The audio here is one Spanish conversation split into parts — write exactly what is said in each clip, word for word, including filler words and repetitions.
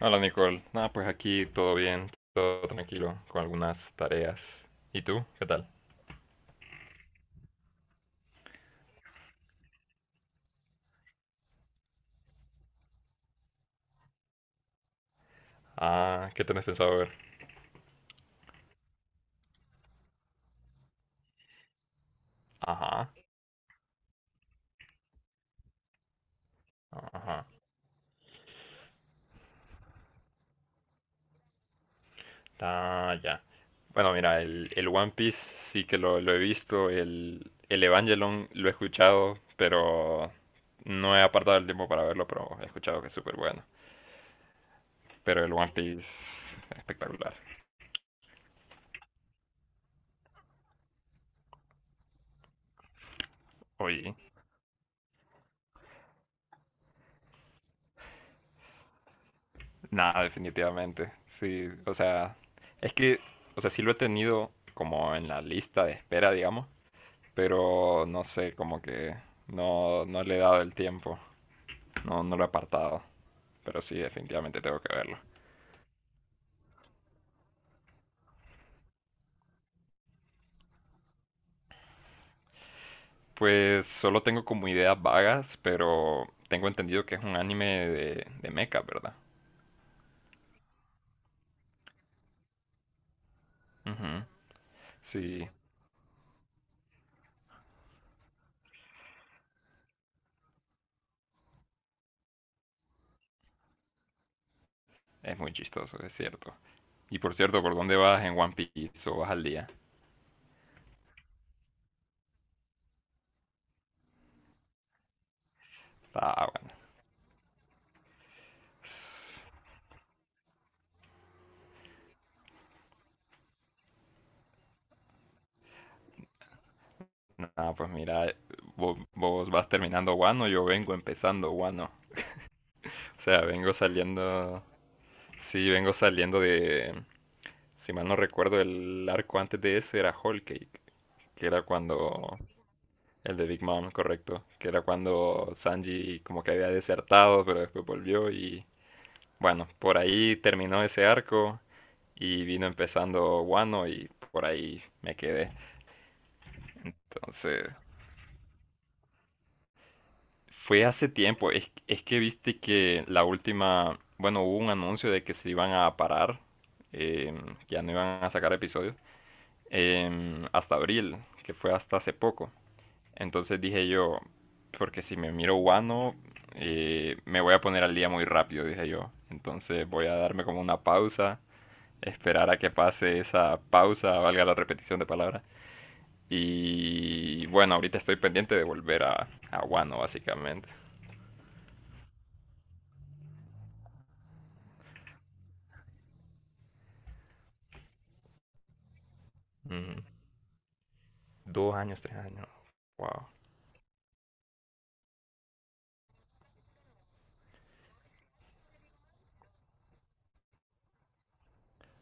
Hola Nicole, nada, pues aquí todo bien, todo tranquilo, con algunas tareas. ¿Y tú? ¿Qué tal? Ah, ¿qué tenés pensado ver? Ajá, ajá, ah, ya. Bueno, mira, el, el One Piece sí que lo, lo he visto, el, el Evangelion lo he escuchado, pero no he apartado el tiempo para verlo, pero he escuchado que es súper bueno. Pero el One Piece, espectacular. Oye, no, definitivamente. Sí, o sea, es que, o sea, sí lo he tenido como en la lista de espera, digamos, pero no sé, como que no, no le he dado el tiempo. No, no lo he apartado. Pero sí, definitivamente tengo que verlo. Pues solo tengo como ideas vagas, pero tengo entendido que es un anime de, de mecha, ¿verdad? Ujú. Sí, es muy chistoso, es cierto. Y por cierto, ¿por dónde vas en One Piece o vas al día? Ah, bueno. Nada, pues mira, vos, vos vas terminando guano, yo vengo empezando guano. O sea, vengo saliendo. Sí, vengo saliendo de. Si mal no recuerdo, el arco antes de ese era Whole Cake, que era cuando. El de Big Mom, correcto. Que era cuando Sanji como que había desertado, pero después volvió y. Bueno, por ahí terminó ese arco y vino empezando Wano y por ahí me quedé. Entonces, fue hace tiempo. Es, es que viste que la última, bueno, hubo un anuncio de que se iban a parar, eh, que ya no iban a sacar episodios, em, hasta abril, que fue hasta hace poco. Entonces dije yo, porque si me miro Wano, eh, me voy a poner al día muy rápido, dije yo. Entonces voy a darme como una pausa, esperar a que pase esa pausa, valga la repetición de palabras. Y bueno, ahorita estoy pendiente de volver a, a Wano, básicamente. Mm, dos años, tres años. Wow.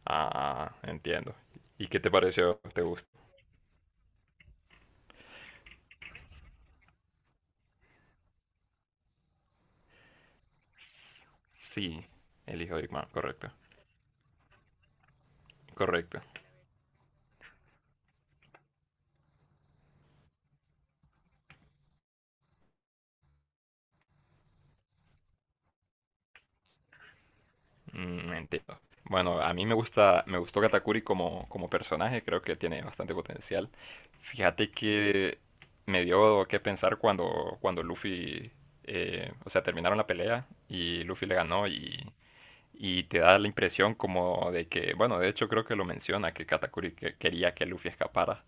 Ah, ah, ah, entiendo. ¿Y qué te pareció? ¿Te gustó? Sí, el hijo de Big Man, correcto. Correcto. Mm, entiendo. Bueno, a mí me gusta, me gustó Katakuri como, como personaje, creo que tiene bastante potencial. Fíjate que me dio que pensar cuando, cuando Luffy, eh, o sea, terminaron la pelea y Luffy le ganó y, y te da la impresión como de que, bueno, de hecho creo que lo menciona, que Katakuri que- quería que Luffy escapara.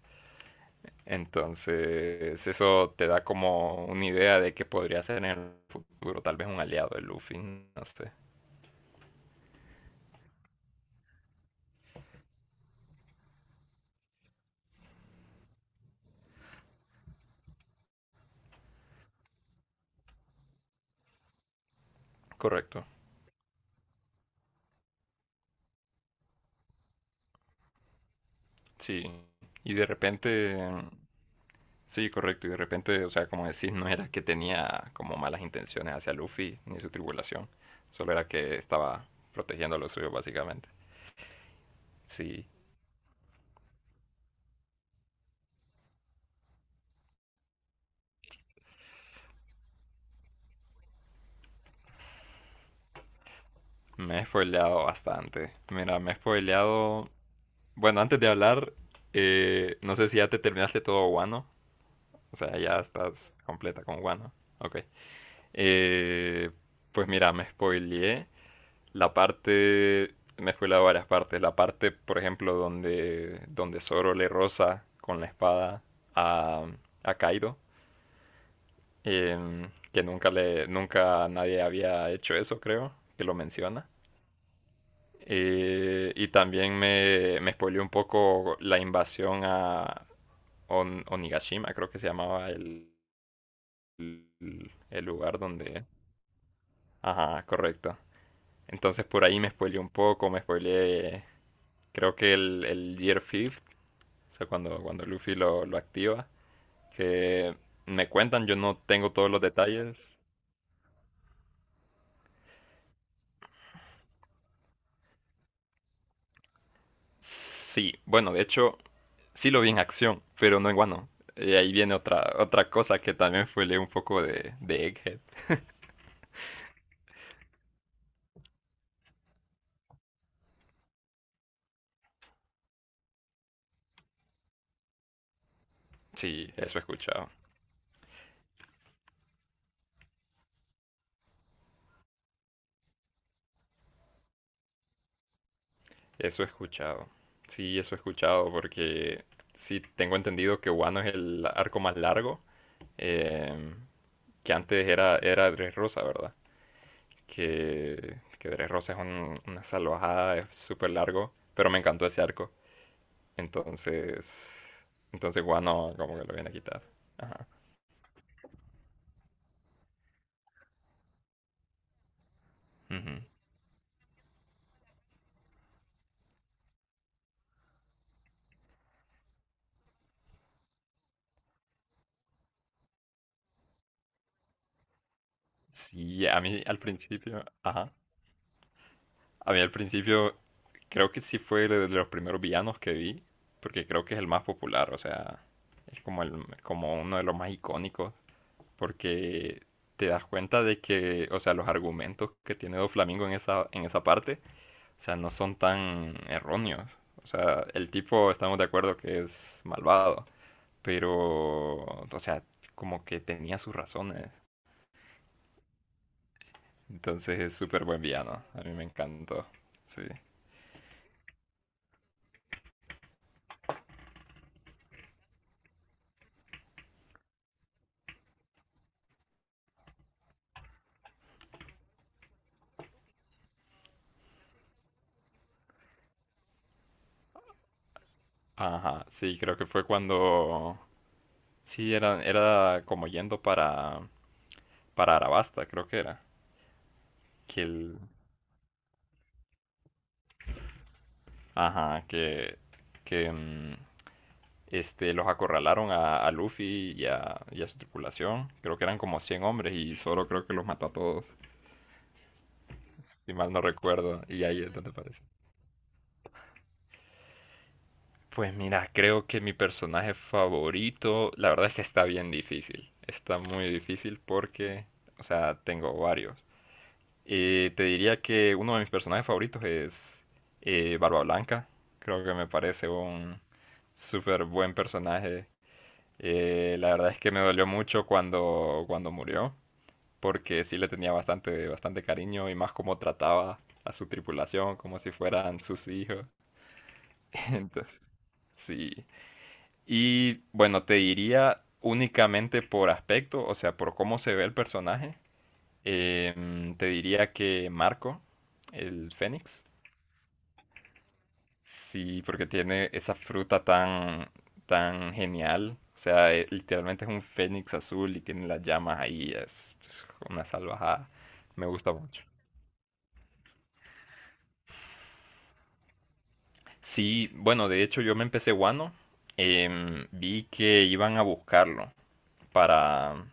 Entonces, eso te da como una idea de que podría ser en el futuro tal vez un aliado de Luffy, no sé. Correcto, sí. Y de repente, sí, correcto, y de repente, o sea, como decís, no era que tenía como malas intenciones hacia Luffy ni su tripulación, solo era que estaba protegiendo a los suyos básicamente. Sí, me he spoileado bastante. Mira, me he spoileado... Bueno, antes de hablar, eh, no sé si ya te terminaste todo guano. O sea, ya estás completa con Wano. Ok. Eh, pues mira, me spoileé la parte, me spoileé varias partes. La parte, por ejemplo, donde, donde Zoro le roza con la espada a, a Kaido. Em, que nunca le, nunca nadie había hecho eso, creo, que lo menciona. Eh, y también me, me spoileó un poco la invasión a On- Onigashima, creo que se llamaba el, el lugar donde, ajá, correcto. Entonces por ahí me spoileé un poco, me spoileé, creo que el, el Year Fifth, o sea, cuando, cuando Luffy lo, lo activa, que me cuentan, yo no tengo todos los detalles. Sí, bueno, de hecho, sí lo vi en acción, pero no en Wano. Y ahí viene otra, otra cosa que también spoileé un poco de, de Egghead. Sí, eso he escuchado. Eso he escuchado. Sí, eso he escuchado porque sí tengo entendido que Wano es el arco más largo, eh, que antes era, era Dressrosa, ¿verdad? Que, que Dressrosa es un- una salvajada, es súper largo, pero me encantó ese arco. Entonces, entonces Wano como que lo viene a quitar. Ajá. Ujú. Sí, a mí al principio, ajá. A mí al principio creo que sí fue de de los primeros villanos que vi, porque creo que es el más popular, o sea, es como, el, como uno de los más icónicos, porque te das cuenta de que, o sea, los argumentos que tiene Doflamingo en esa, en esa parte, o sea, no son tan erróneos. O sea, el tipo estamos de acuerdo que es malvado, pero, o sea, como que tenía sus razones. Entonces es súper buen villano, a mí me encantó, sí. Ajá, sí, creo que fue cuando... Sí, era, era como yendo para... para Arabasta, creo que era. Que el, ajá, que, que mm, este, los acorralaron a, a Luffy y a, y a su tripulación. Creo que eran como cien hombres y Zoro creo que los mató a todos, si mal no recuerdo. Y ahí es donde aparece. Pues mira, creo que mi personaje favorito, la verdad es que está bien difícil. Está muy difícil porque, o sea, tengo varios. Y te diría que uno de mis personajes favoritos es eh, Barba Blanca. Creo que me parece un súper buen personaje. Eh, la verdad es que me dolió mucho cuando, cuando murió, porque sí le tenía bastante, bastante cariño y más como trataba a su tripulación como si fueran sus hijos. Entonces, sí. Y bueno, te diría únicamente por aspecto, o sea, por cómo se ve el personaje, em, te diría que Marco, el Fénix. Sí, porque tiene esa fruta tan, tan genial. O sea, eh, literalmente es un fénix azul y tiene las llamas ahí. Es es una salvajada. Me gusta mucho. Sí, bueno, de hecho yo me empecé Wano. Em, vi que iban a buscarlo para,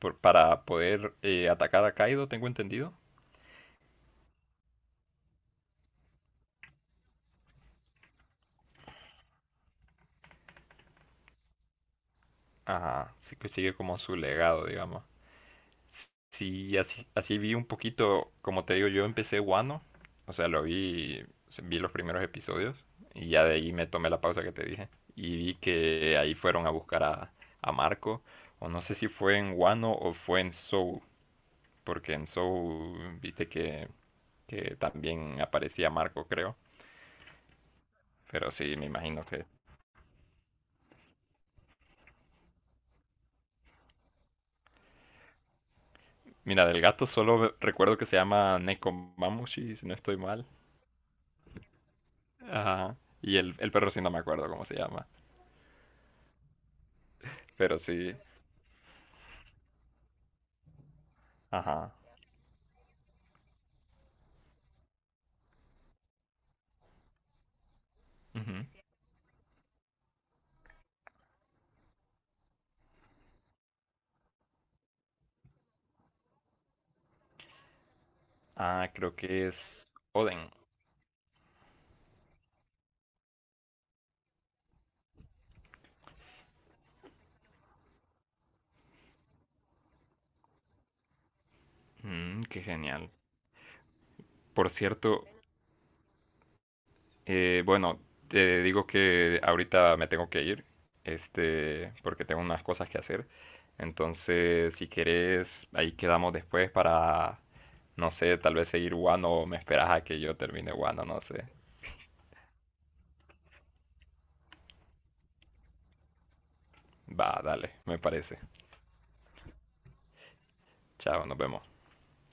por- para poder eh, atacar a Kaido, tengo entendido. Ajá, sí que sigue como su legado, digamos. Sí, así, así vi un poquito, como te digo, yo empecé Wano, o sea, lo vi, vi los primeros episodios y ya de ahí me tomé la pausa que te dije y vi que ahí fueron a buscar a, a Marco, o no sé si fue en Wano o fue en Soul, porque en Soul viste que, que también aparecía Marco, creo, pero sí, me imagino que... Mira, del gato solo recuerdo que se llama Nekomamushi, si no estoy mal. Ajá. Y el, el perro sí no me acuerdo cómo se llama. Pero sí, ajá. Ujú. Ah, creo que es Oden. Mm, qué genial. Por cierto, eh, bueno, te digo que ahorita me tengo que ir, este, porque tengo unas cosas que hacer. Entonces, si querés, ahí quedamos después para, no sé, tal vez seguir Wano o me esperas a que yo termine Wano, no sé. Va, dale, me parece. Chao, nos vemos.